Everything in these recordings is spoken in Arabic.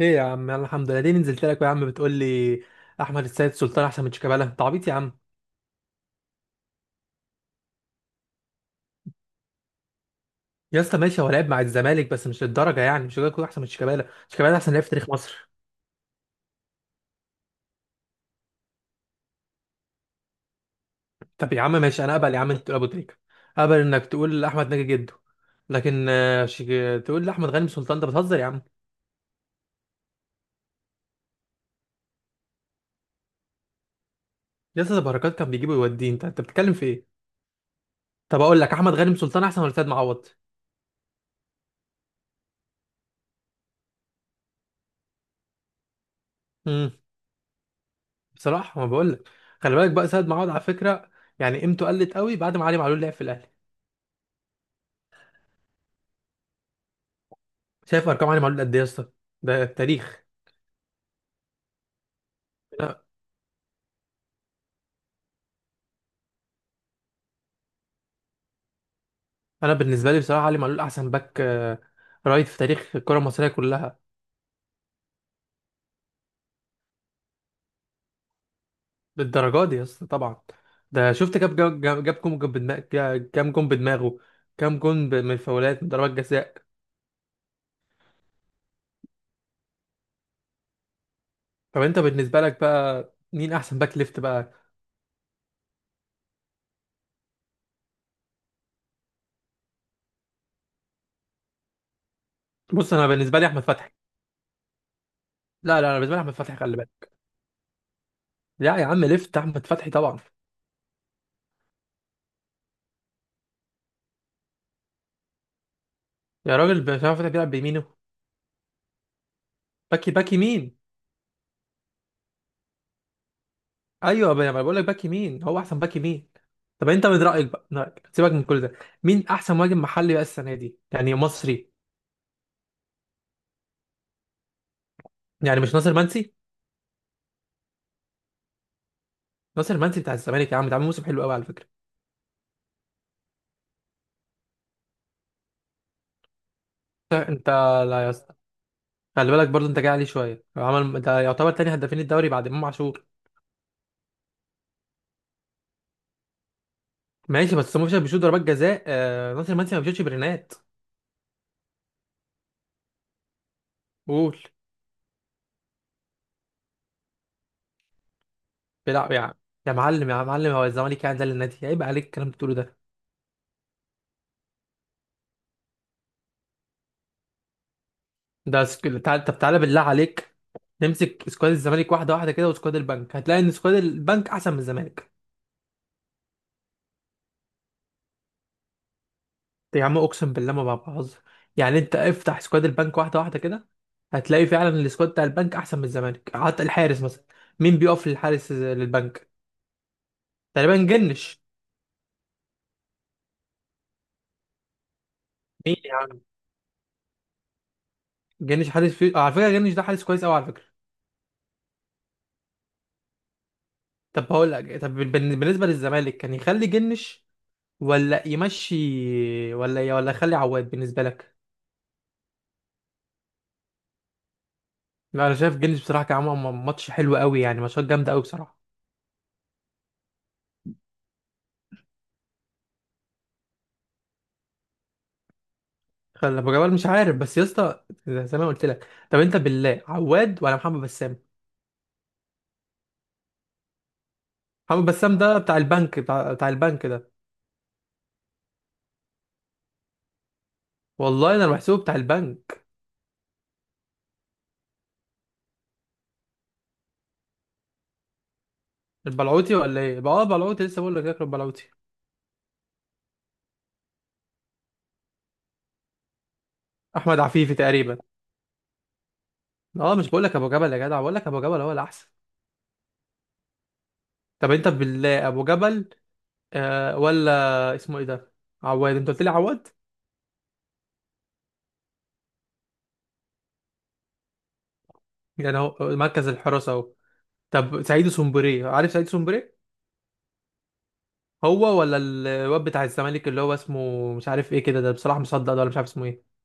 ايه يا عم، يلا الحمد لله. ليه نزلت لك يا عم بتقول لي احمد السيد سلطان احسن من شيكابالا؟ انت عبيط يا عم. يا اسطى ماشي، هو لعب مع الزمالك بس مش للدرجه يعني، مش هيكون احسن من شيكابالا. شيكابالا احسن لاعب في تاريخ مصر. طب يا عم ماشي، انا اقبل يا عم انت تقول ابو تريكه، اقبل انك تقول احمد ناجي جده، لكن شيك... تقول لي احمد غانم سلطان؟ ده بتهزر يا عم. يا اسطى ده بركات كان بيجيبه ويوديه، انت بتتكلم في ايه؟ طب اقول لك احمد غانم سلطان احسن ولا سيد معوض؟ امم بصراحه ما بقول لك، خلي بالك بقى سيد معوض على فكره، يعني قيمته قلت قوي بعد ما علي معلول لعب في الاهلي. شايف ارقام علي معلول قد ايه يا اسطى؟ ده التاريخ. انا أنا بالنسبه لي بصراحه علي معلول احسن باك رايت في تاريخ الكره المصريه كلها. بالدرجه دي يا اسطى طبعا. ده شفت كام جاب كام جون بدماغ؟ كام جون بدماغه؟ كام جون من فاولات، من ضربات جزاء. طب انت بالنسبه لك بقى مين احسن باك ليفت بقى؟ بص انا بالنسبه لي احمد فتحي. لا لا، انا بالنسبه لي احمد فتحي، خلي بالك. لا يا عم، ليفت احمد فتحي طبعا. يا راجل، احمد فتحي بيلعب بيمينه. باك يمين. ايوه بقى، ما انا بقول لك باك يمين، هو احسن باك يمين. طب انت من رايك بقى، من رأيك، سيبك من كل ده، مين احسن مهاجم محلي بقى السنه دي يعني، مصري؟ يعني مش ناصر منسي؟ ناصر منسي بتاع الزمالك يا عم، ده عامل موسم حلو قوي على فكره. انت، لا يا اسطى، خلي بالك برضه انت جاي عليه شويه، هو عمل ده يعتبر تاني هدافين الدوري بعد امام عاشور. ماشي، بس امام عاشور بيشوط ضربات جزاء ناصر منسي ما بيشوطش برينات. قول. بيلعب يا عم، يا معلم يا معلم، هو الزمالك يعني ده للنادي؟ عيب عليك الكلام اللي بتقوله ده. ده سك... تعال... طب تعالى بالله عليك، نمسك سكواد الزمالك واحده واحده كده، وسكواد البنك، هتلاقي ان سكواد البنك احسن من الزمالك. يا عم اقسم بالله ما بهزر، يعني انت افتح سكواد البنك واحده واحده كده، هتلاقي فعلا السكواد بتاع البنك احسن من الزمالك. حتى الحارس مثلا، مين بيقف للحارس، للبنك؟ تقريبا جنش. مين يا عم؟ جنش حارس في... على فكره جنش ده حارس كويس قوي على فكره. طب هقول لك، طب بالنسبه للزمالك، كان يخلي جنش ولا يمشي؟ ولا يخلي عواد بالنسبه لك؟ لا انا شايف جيلز بصراحه، كان عامل ماتش حلو قوي يعني، ماتشات جامده قوي بصراحه. خلي ابو جبال، مش عارف، بس يا اسطى زي ما قلت لك، طب انت بالله عواد ولا محمد بسام؟ محمد بسام ده بتاع البنك، بتاع البنك ده. والله انا بحسبه بتاع البنك. البلعوتي ولا ايه بقى؟ اه بلعوتي، لسه بقول لك ياكل البلعوتي. احمد عفيفي تقريبا. اه مش بقول لك ابو جبل يا جدع، بقول لك ابو جبل هو الاحسن. طب انت بالله ابو جبل آه، ولا اسمه ايه ده، عواد؟ انت قلت لي عواد. يعني هو مركز الحراسه اهو. طب سعيد سومبري، عارف سعيد سومبري؟ هو ولا الواد بتاع الزمالك اللي هو اسمه مش عارف ايه كده، ده بصراحة مصدق ده، ولا مش عارف اسمه ايه.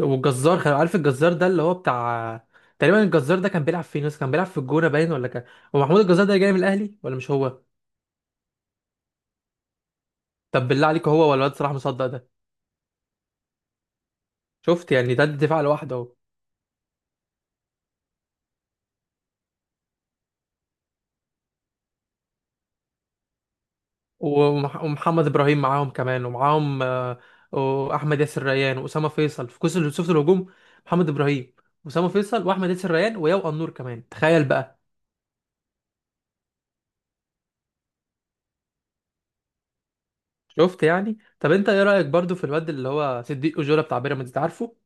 والجزار عارف الجزار ده اللي هو بتاع، تقريبا الجزار ده كان بيلعب فين ناس، كان بيلعب في الجونة باين ولا كان، هو محمود الجزار ده جاي من الاهلي ولا مش هو؟ طب بالله عليك، هو ولا الواد صلاح مصدق ده؟ شفت يعني، ده الدفاع لوحده اهو. ومحمد ابراهيم معاهم كمان، ومعاهم واحمد ياسر ريان واسامه فيصل في كوس، شفت الهجوم؟ محمد ابراهيم واسامه فيصل واحمد ياسر ريان وياو النور كمان، تخيل بقى. شفت يعني. طب انت ايه رايك برضو في الواد اللي هو صديق اجولا بتاع بيراميدز؟ عارفه؟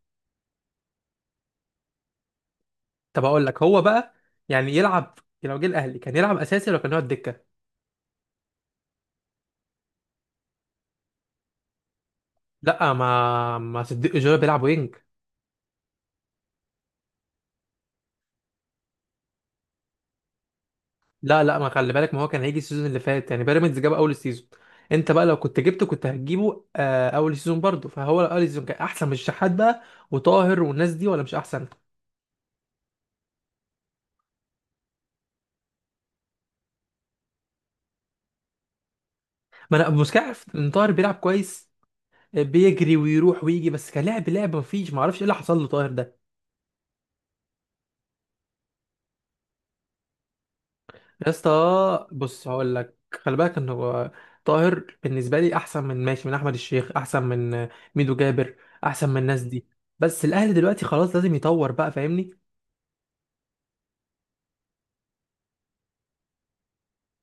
طب اقول لك هو بقى، يعني يلعب يعني، لو جه الاهلي كان يلعب اساسي ولا كان يقعد دكه؟ لا، ما صديق اجولا بيلعب وينج. لا لا، ما خلي بالك، ما هو كان هيجي السيزون اللي فات يعني، بيراميدز جاب اول السيزون، انت بقى لو كنت جبته كنت هتجيبه اول السيزون برضه، فهو اول السيزون كان احسن من الشحات بقى، وطاهر والناس دي، ولا مش احسن؟ ما انا مش عارف ان طاهر بيلعب كويس، بيجري ويروح ويجي بس، كلاعب لعب مفيش، ما اعرفش ايه اللي حصل له طاهر ده. يا اسطى بص هقول لك، خلي بالك ان هو، طاهر بالنسبه لي احسن من، ماشي، من احمد الشيخ، احسن من ميدو جابر، احسن من الناس دي، بس الاهلي دلوقتي خلاص لازم يطور بقى، فاهمني؟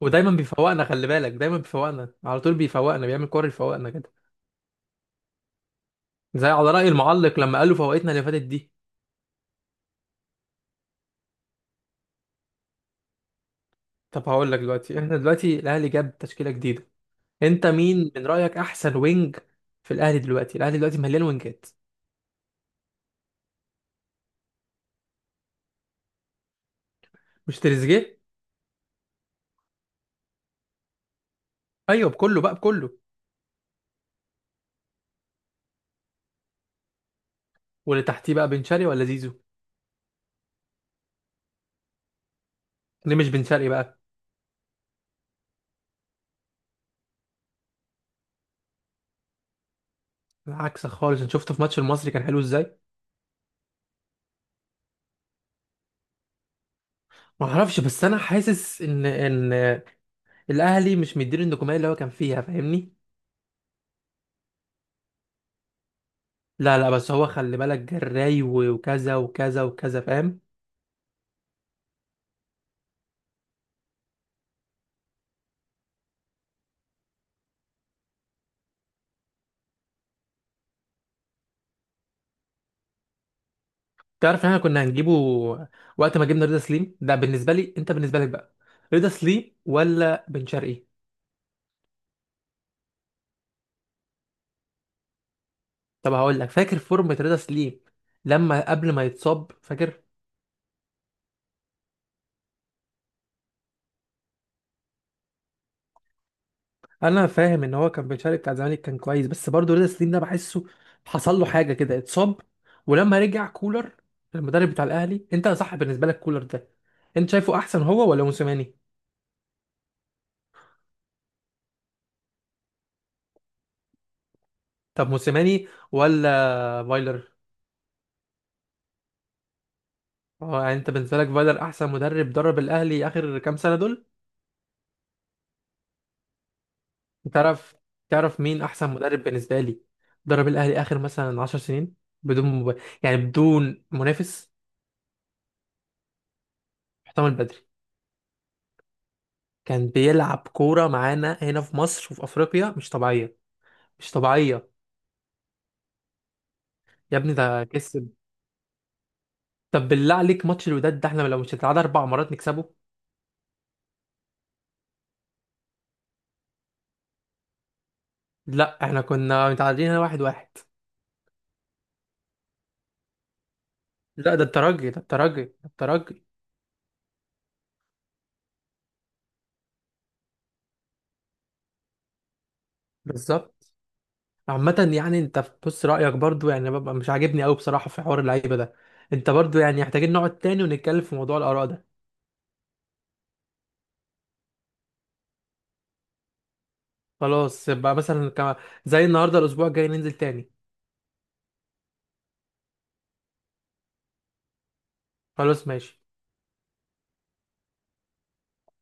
ودايما بيفوقنا، خلي بالك دايما بيفوقنا، على طول بيفوقنا، بيعمل كور يفوقنا كده. زي على راي المعلق لما قالوا فوقتنا اللي فاتت دي. طب هقول لك دلوقتي، احنا دلوقتي الاهلي جاب تشكيله جديده، انت مين من رايك احسن وينج في الاهلي دلوقتي؟ الاهلي دلوقتي مليان وينجات. مش تريزيجيه؟ ايوه بكله بقى، بكله. واللي تحتيه بقى، بن شرقي ولا زيزو؟ ليه مش بن شرقي بقى؟ عكسك خالص، انا شفته في ماتش المصري كان حلو ازاي. ما اعرفش، بس انا حاسس ان الاهلي مش مديله النجوميه اللي هو كان فيها، فاهمني؟ لا لا، بس هو خلي بالك جراي وكذا وكذا وكذا، فاهم؟ تعرف ان احنا كنا هنجيبه وقت ما جبنا رضا سليم، ده بالنسبه لي، انت بالنسبه لك بقى، رضا سليم ولا بن شرقي؟ طب هقول لك، فاكر فورمه رضا سليم لما قبل ما يتصاب، فاكر؟ انا فاهم ان هو كان بيتشارك بتاع الزمالك كان كويس، بس برضه رضا سليم ده بحسه حصل له حاجه كده، اتصاب. ولما رجع كولر، المدرب بتاع الاهلي، انت صح بالنسبه لك كولر ده؟ انت شايفه احسن هو ولا موسيماني؟ طب موسيماني ولا فايلر؟ اه، يعني انت بالنسبه لك فايلر احسن مدرب درب الاهلي اخر كام سنه دول؟ تعرف تعرف مين احسن مدرب بالنسبه لي درب الاهلي اخر مثلا 10 سنين، بدون مب... يعني بدون منافس، محتمل بدري. كان بيلعب كورة معانا هنا في مصر وفي أفريقيا مش طبيعية، مش طبيعية. يا ابني ده كسب. طب بالله عليك ماتش الوداد ده، احنا لو مش هنتعادل 4 مرات نكسبه. لا احنا كنا متعادلين هنا 1-1. لا ده الترجي، ده الترجي، ده الترجي. بالظبط. عامة يعني، انت بص رأيك برضو يعني، ببقى مش عاجبني قوي بصراحة في حوار اللعيبة ده، انت برضو يعني، محتاجين نقعد تاني ونتكلم في موضوع الآراء ده. خلاص، يبقى مثلا زي النهاردة، الأسبوع الجاي ننزل تاني. خلاص ماشي.